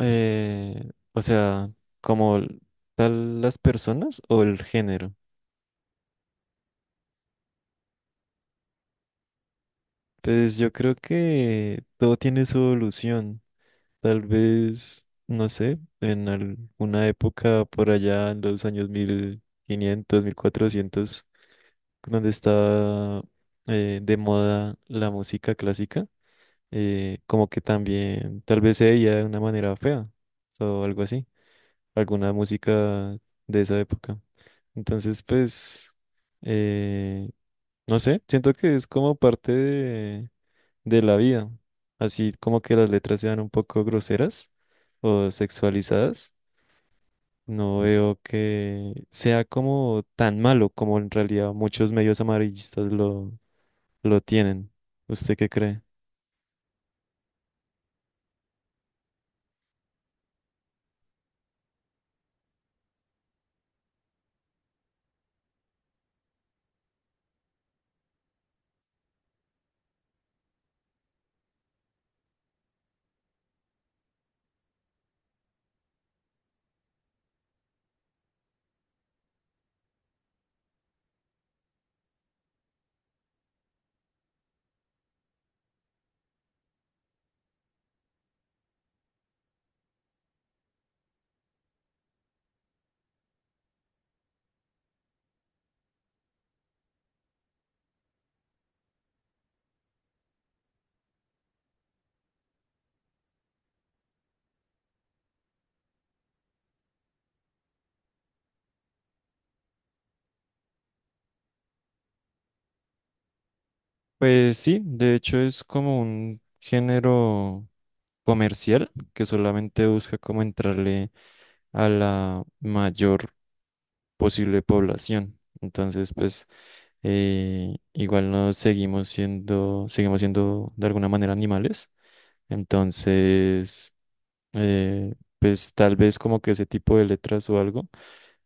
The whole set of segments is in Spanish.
Eh, o sea, como l- Tal las personas o el género. Pues yo creo que todo tiene su evolución. Tal vez, no sé, en alguna época por allá en los años 1500 1400 donde estaba de moda la música clásica, como que también tal vez se veía de una manera fea o algo así. Alguna música de esa época. Entonces, pues, eh, no sé, siento que es como parte de la vida, así como que las letras sean un poco groseras o sexualizadas. No veo que sea como tan malo como en realidad muchos medios amarillistas lo tienen. ¿Usted qué cree? Pues sí, de hecho es como un género comercial que solamente busca como entrarle a la mayor posible población. Entonces, pues igual seguimos siendo de alguna manera animales. Entonces, pues tal vez como que ese tipo de letras o algo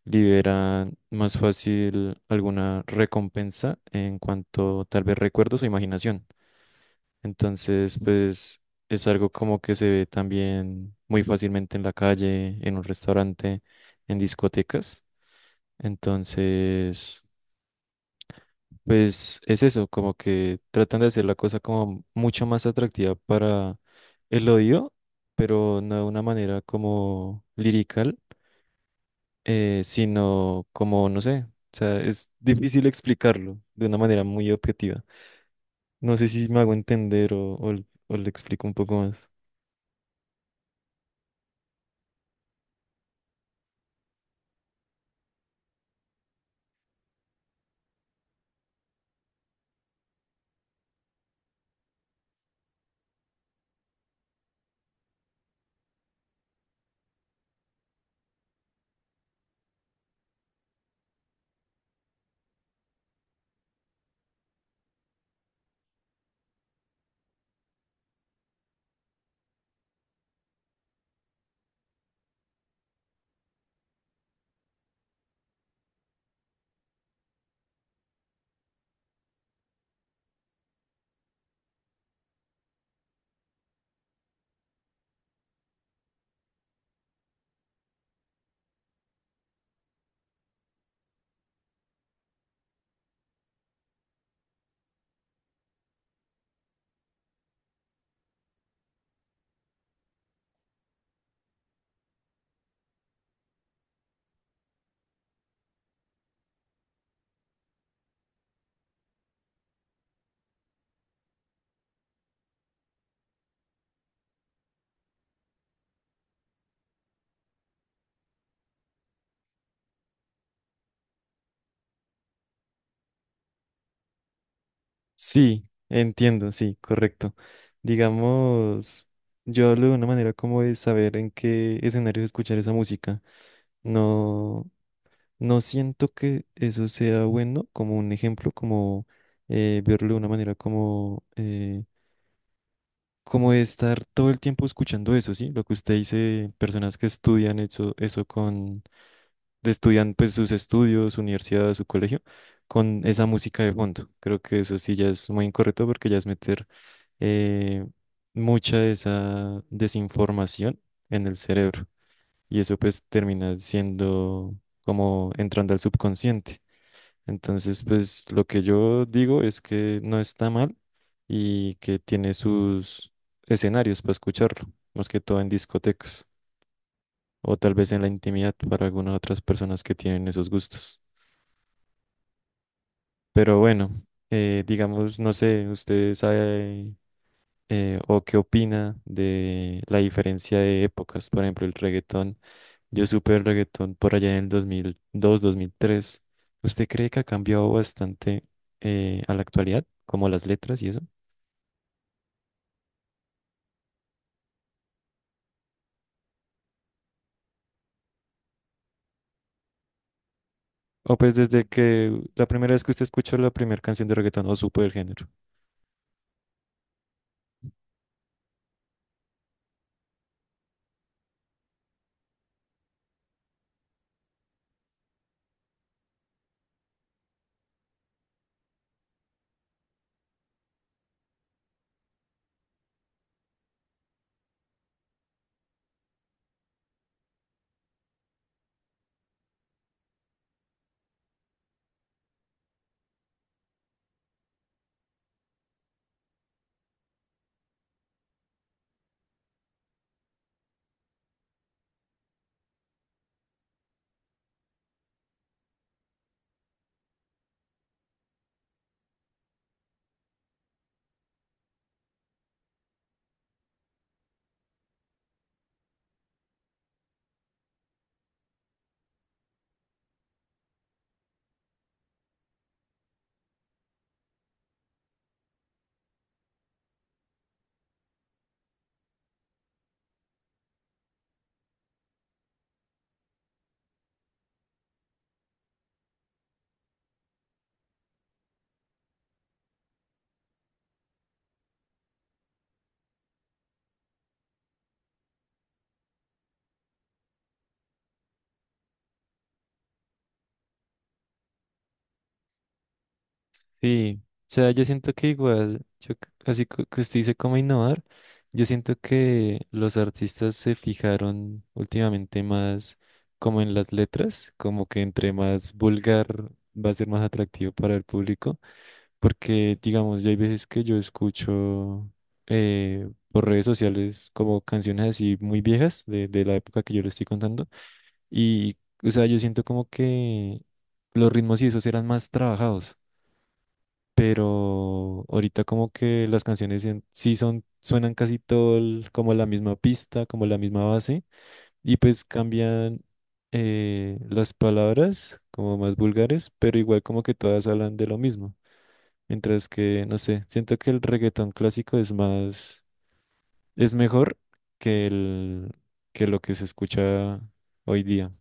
liberan más fácil alguna recompensa en cuanto tal vez recuerdos o imaginación. Entonces, pues es algo como que se ve también muy fácilmente en la calle, en un restaurante, en discotecas. Entonces, pues es eso, como que tratan de hacer la cosa como mucho más atractiva para el odio, pero no de una manera como lirical, sino como, no sé, o sea, es difícil explicarlo de una manera muy objetiva. No sé si me hago entender o le explico un poco más. Sí, entiendo, sí, correcto. Digamos, yo hablo de una manera como de saber en qué escenario escuchar esa música. No, no siento que eso sea bueno como un ejemplo, como verlo de una manera como de estar todo el tiempo escuchando eso, ¿sí? Lo que usted dice, personas que estudian eso con, de estudian pues sus estudios, su universidad, su colegio, con esa música de fondo. Creo que eso sí ya es muy incorrecto porque ya es meter eh, mucha de esa desinformación en el cerebro y eso pues termina siendo como entrando al subconsciente. Entonces, pues lo que yo digo es que no está mal y que tiene sus escenarios para escucharlo, más que todo en discotecas o tal vez en la intimidad para algunas otras personas que tienen esos gustos. Pero bueno, digamos, no sé, usted sabe o qué opina de la diferencia de épocas, por ejemplo, el reggaetón. Yo supe el reggaetón por allá en el 2002 dos mil tres. ¿Usted cree que ha cambiado bastante a la actualidad, como las letras y eso? O pues desde que la primera vez que usted escuchó la primera canción de reggaetón o supo del género. Sí, o sea, yo siento que igual, yo, c- así co- que usted dice cómo innovar, yo siento que los artistas se fijaron últimamente más como en las letras, como que entre más vulgar va a ser más atractivo para el público, porque digamos, ya hay veces que yo escucho por redes sociales como canciones así muy viejas de la época que yo le estoy contando, y o sea, yo siento como que los ritmos y esos eran más trabajados pero ahorita como que las canciones sí son, suenan casi como la misma pista, como la misma base, y pues cambian las palabras como más vulgares, pero igual como que todas hablan de lo mismo. Mientras que, no sé, siento que el reggaetón clásico es más, es mejor que el, que lo que se escucha hoy día.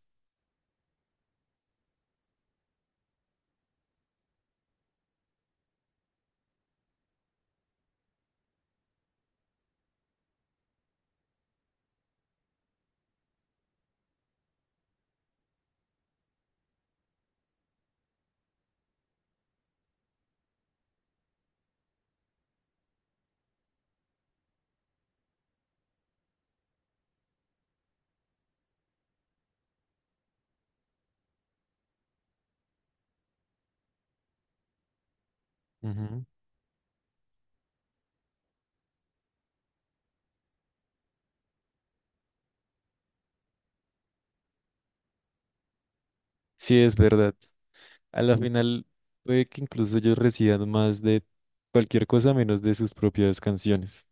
Ujú. Sí, es verdad. A la final puede que incluso ellos reciban más de cualquier cosa menos de sus propias canciones.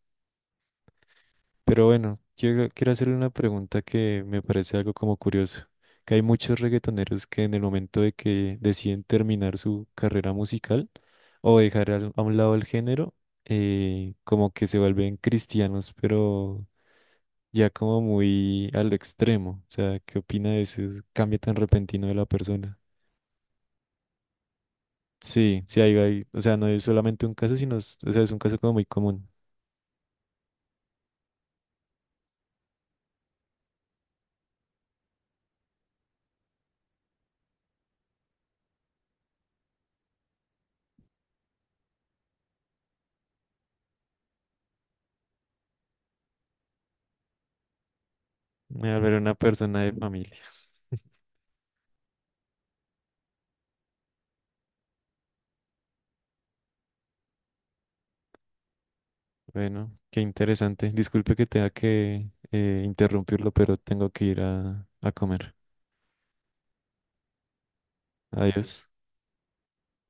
Pero bueno, quiero hacerle una pregunta que me parece algo como curioso, que hay muchos reggaetoneros que en el momento de que deciden terminar su carrera musical o dejar a un lado el género, como que se vuelven cristianos, pero ya como muy al extremo. O sea, ¿qué opina de ese cambio tan repentino de la persona? Sí, sí, o sea, no es solamente un caso, o sea, es un caso como muy común. Me va a ver una persona de familia. Bueno, qué interesante. Disculpe que tenga que interrumpirlo, pero tengo que ir a comer. Adiós.